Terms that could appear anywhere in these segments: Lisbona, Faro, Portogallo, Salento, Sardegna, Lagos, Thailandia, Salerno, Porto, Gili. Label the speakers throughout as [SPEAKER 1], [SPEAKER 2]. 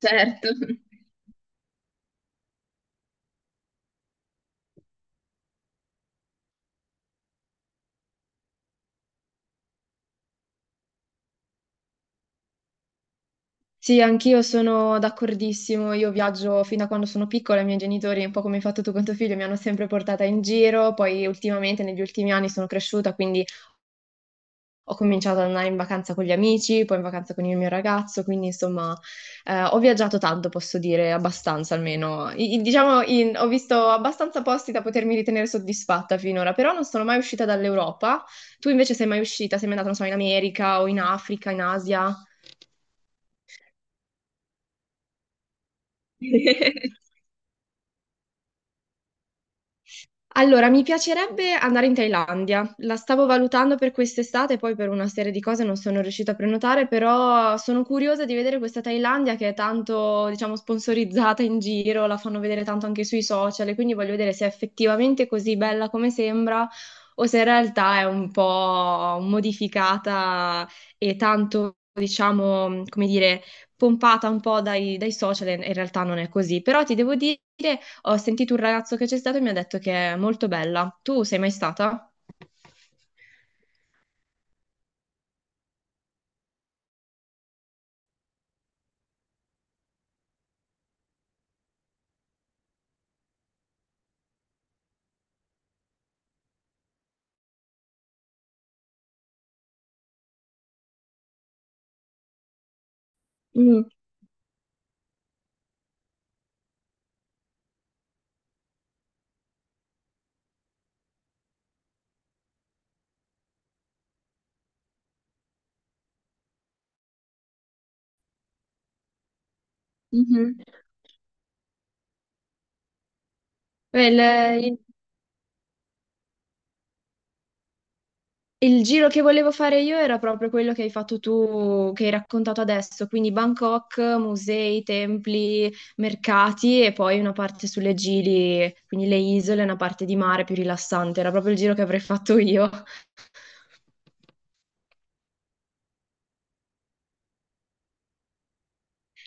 [SPEAKER 1] Certo. Sì, anch'io sono d'accordissimo. Io viaggio fin da quando sono piccola, i miei genitori, un po' come hai fatto tu con tuo figlio, mi hanno sempre portata in giro. Poi ultimamente, negli ultimi anni, sono cresciuta, quindi ho cominciato ad andare in vacanza con gli amici, poi in vacanza con il mio ragazzo. Quindi, insomma, ho viaggiato tanto, posso dire, abbastanza almeno. Diciamo, ho visto abbastanza posti da potermi ritenere soddisfatta finora, però non sono mai uscita dall'Europa. Tu invece sei mai uscita? Sei mai andata, non so, in America o in Africa, in Asia? Allora, mi piacerebbe andare in Thailandia. La stavo valutando per quest'estate, poi per una serie di cose non sono riuscita a prenotare, però sono curiosa di vedere questa Thailandia che è tanto, diciamo, sponsorizzata in giro, la fanno vedere tanto anche sui social, e quindi voglio vedere se è effettivamente così bella come sembra o se in realtà è un po' modificata e tanto, diciamo, come dire, pompata un po' dai social e in realtà non è così. Però ti devo dire, ho sentito un ragazzo che c'è stato e mi ha detto che è molto bella. Tu sei mai stata? Mm. Mhm. Beh, Il, il- il giro che volevo fare io era proprio quello che hai fatto tu, che hai raccontato adesso, quindi Bangkok, musei, templi, mercati e poi una parte sulle Gili, quindi le isole, una parte di mare più rilassante. Era proprio il giro che avrei fatto io.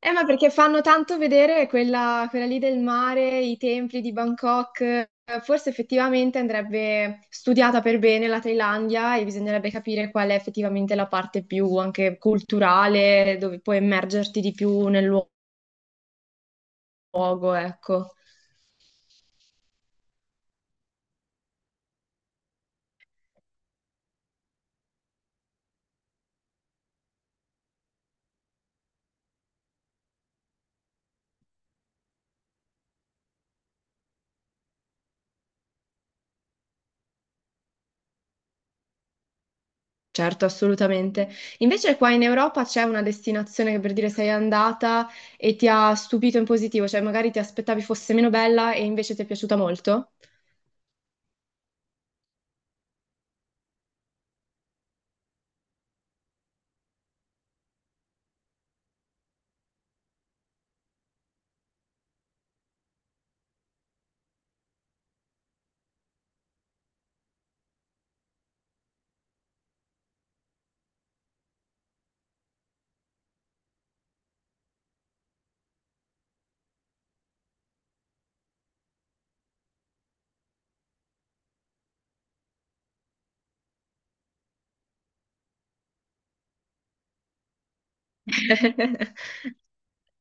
[SPEAKER 1] Ma perché fanno tanto vedere quella lì del mare, i templi di Bangkok. Forse effettivamente andrebbe studiata per bene la Thailandia e bisognerebbe capire qual è effettivamente la parte più anche culturale, dove puoi immergerti di più nel luogo, ecco. Certo, assolutamente. Invece qua in Europa c'è una destinazione che per dire sei andata e ti ha stupito in positivo, cioè magari ti aspettavi fosse meno bella e invece ti è piaciuta molto?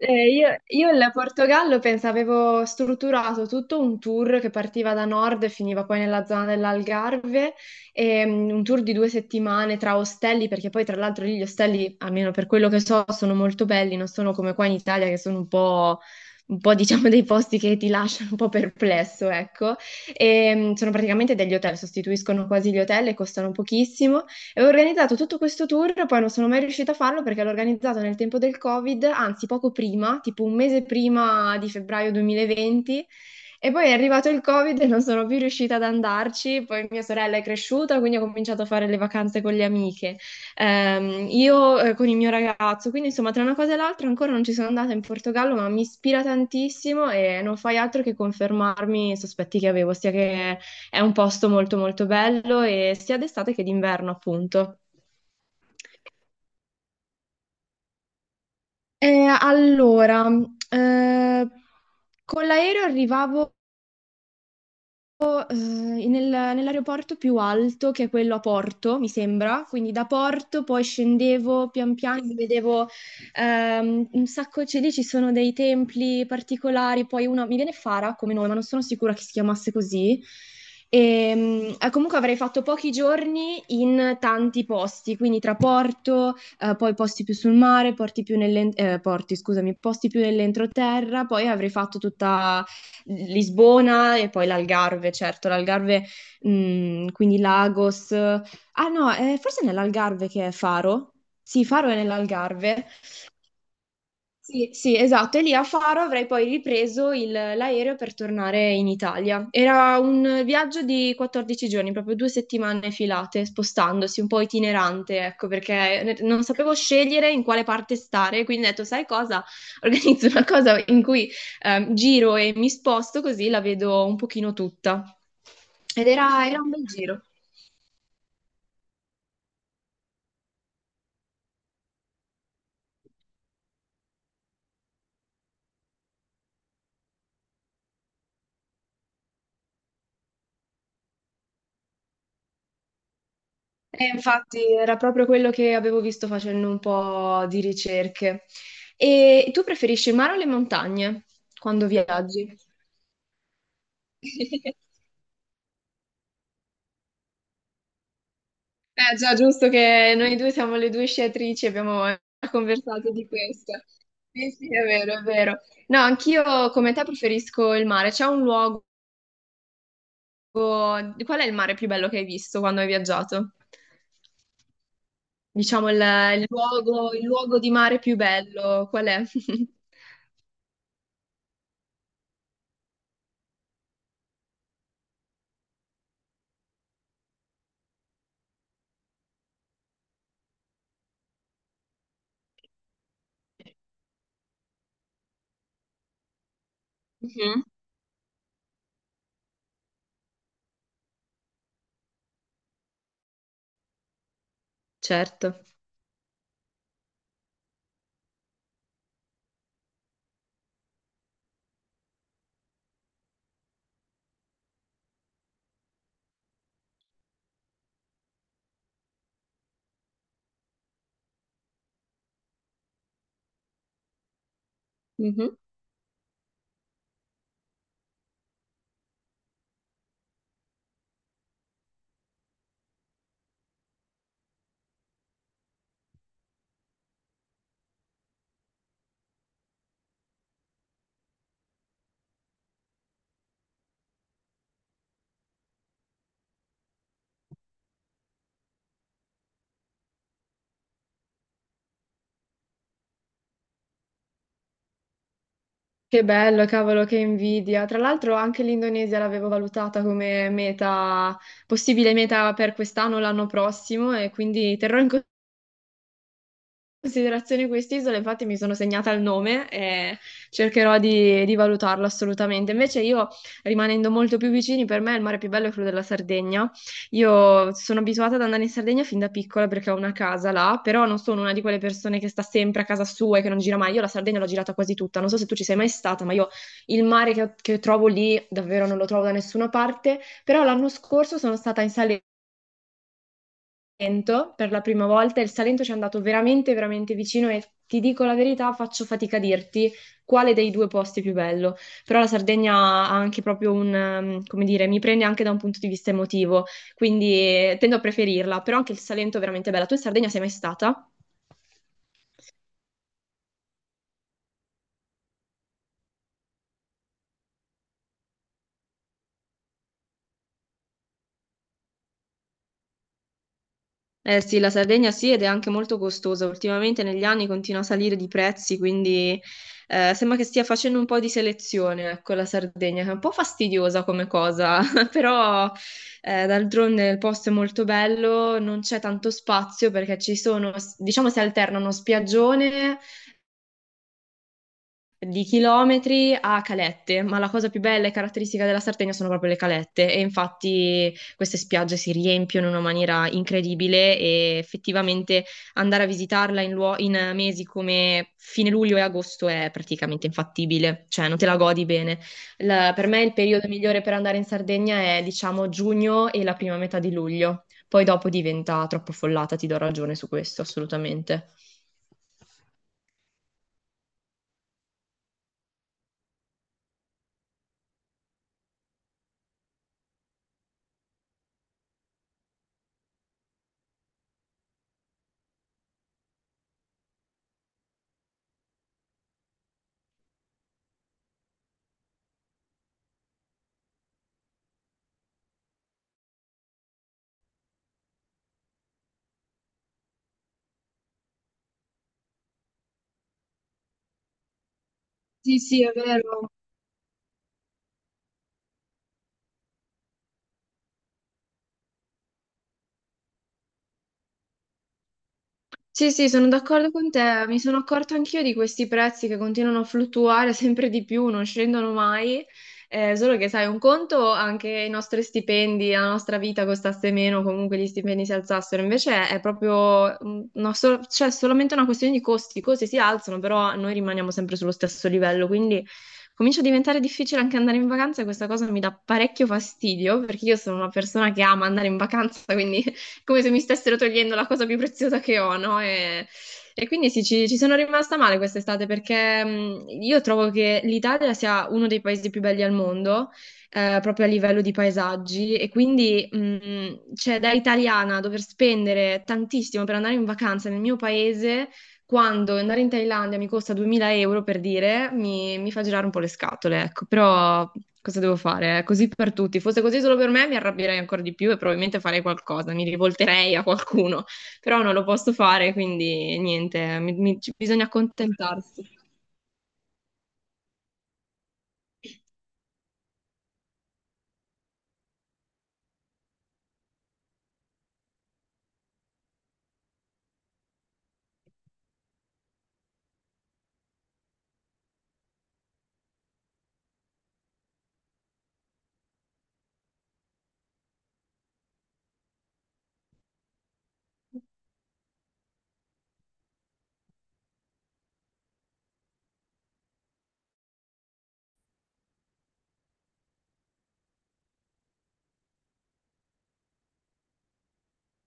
[SPEAKER 1] Io il Portogallo pensavo, avevo strutturato tutto un tour che partiva da nord e finiva poi nella zona dell'Algarve, e, un tour di due settimane tra ostelli, perché poi tra l'altro lì gli ostelli, almeno per quello che so, sono molto belli, non sono come qua in Italia che sono un po', diciamo dei posti che ti lasciano un po' perplesso, ecco. E, sono praticamente degli hotel, sostituiscono quasi gli hotel e costano pochissimo. E ho organizzato tutto questo tour, poi non sono mai riuscita a farlo perché l'ho organizzato nel tempo del Covid, anzi poco prima, tipo un mese prima di febbraio 2020. E poi è arrivato il Covid e non sono più riuscita ad andarci, poi mia sorella è cresciuta, quindi ho cominciato a fare le vacanze con le amiche. Io con il mio ragazzo, quindi insomma tra una cosa e l'altra ancora non ci sono andata in Portogallo, ma mi ispira tantissimo e non fai altro che confermarmi i sospetti che avevo, sia che è un posto molto molto bello e sia d'estate che d'inverno, appunto. Allora, eh, con l'aereo arrivavo volo nell'aeroporto più alto, che è quello a Porto, mi sembra. Quindi da Porto poi scendevo pian piano, mi vedevo un sacco, cioè lì ci sono dei templi particolari, poi uno, mi viene Fara come nome, ma non sono sicura che si chiamasse così. E, comunque avrei fatto pochi giorni in tanti posti, quindi tra Porto, poi posti più sul mare, porti, scusami, posti più nell'entroterra, poi avrei fatto tutta Lisbona e poi l'Algarve, certo, l'Algarve, quindi Lagos. Ah no, forse è nell'Algarve che è Faro. Sì, Faro è nell'Algarve. Sì, sì, esatto. E lì a Faro avrei poi ripreso l'aereo per tornare in Italia. Era un viaggio di 14 giorni, proprio due settimane filate, spostandosi, un po' itinerante, ecco, perché non sapevo scegliere in quale parte stare, quindi ho detto, sai cosa? Organizzo una cosa in cui giro e mi sposto così la vedo un pochino tutta. Ed era un bel giro. E infatti era proprio quello che avevo visto facendo un po' di ricerche. E tu preferisci il mare o le montagne quando viaggi? Eh già, giusto che noi due siamo le due sciatrici, abbiamo conversato di questo. Sì, sì, è vero, è vero. No, anch'io come te preferisco il mare. C'è un luogo... Qual è il mare più bello che hai visto quando hai viaggiato? Diciamo il luogo, il luogo di mare più bello, qual è? Mhm. Certo. Mhm. Che bello, cavolo, che invidia. Tra l'altro anche l'Indonesia l'avevo valutata come meta, possibile meta per quest'anno o l'anno prossimo e quindi terrò in considerazione quest'isola, infatti mi sono segnata il nome e cercherò di valutarlo assolutamente. Invece io, rimanendo molto più vicini, per me il mare più bello è quello della Sardegna. Io sono abituata ad andare in Sardegna fin da piccola perché ho una casa là, però non sono una di quelle persone che sta sempre a casa sua e che non gira mai. Io la Sardegna l'ho girata quasi tutta, non so se tu ci sei mai stata, ma io il mare che trovo lì davvero non lo trovo da nessuna parte. Però l'anno scorso sono stata in Salerno. Salento per la prima volta e il Salento ci è andato veramente, veramente vicino e ti dico la verità, faccio fatica a dirti quale dei due posti è più bello, però la Sardegna ha anche proprio un, come dire, mi prende anche da un punto di vista emotivo, quindi tendo a preferirla, però anche il Salento è veramente bella. Tu in Sardegna sei mai stata? Eh sì, la Sardegna sì, ed è anche molto costosa. Ultimamente negli anni continua a salire di prezzi, quindi sembra che stia facendo un po' di selezione, ecco, la Sardegna, che è un po' fastidiosa come cosa, però d'altronde il posto è molto bello, non c'è tanto spazio perché ci sono, diciamo, si alternano spiaggione di chilometri a calette, ma la cosa più bella e caratteristica della Sardegna sono proprio le calette e infatti queste spiagge si riempiono in una maniera incredibile e effettivamente andare a visitarla in mesi come fine luglio e agosto è praticamente infattibile, cioè non te la godi bene. Per me il periodo migliore per andare in Sardegna è diciamo giugno e la prima metà di luglio, poi dopo diventa troppo affollata, ti do ragione su questo, assolutamente. Sì, sì, è vero. Sì, sì, sono d'accordo con te. Mi sono accorta anch'io di questi prezzi che continuano a fluttuare sempre di più, non scendono mai. Solo che, sai, un conto anche i nostri stipendi, la nostra vita costasse meno, comunque gli stipendi si alzassero. Invece è proprio, mm, no, so- cioè, solamente una questione di costi. I costi si alzano, però noi rimaniamo sempre sullo stesso livello. Quindi comincia a diventare difficile anche andare in vacanza e questa cosa mi dà parecchio fastidio perché io sono una persona che ama andare in vacanza, quindi come se mi stessero togliendo la cosa più preziosa che ho, no? E quindi sì, ci sono rimasta male quest'estate perché io trovo che l'Italia sia uno dei paesi più belli al mondo, proprio a livello di paesaggi, e quindi cioè, da italiana dover spendere tantissimo per andare in vacanza nel mio paese quando andare in Thailandia mi costa 2000 € per dire, mi fa girare un po' le scatole, ecco, però cosa devo fare? È così per tutti, fosse così solo per me mi arrabbierei ancora di più e probabilmente farei qualcosa, mi rivolterei a qualcuno, però non lo posso fare, quindi niente, bisogna accontentarsi.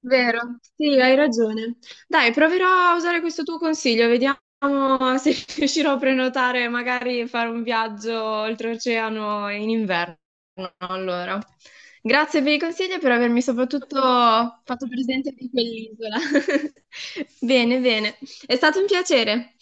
[SPEAKER 1] Vero, sì, hai ragione. Dai, proverò a usare questo tuo consiglio, vediamo se riuscirò a prenotare, magari fare un viaggio oltreoceano in inverno. Allora, grazie per i consigli e per avermi soprattutto fatto presente di quell'isola. Bene, bene, è stato un piacere.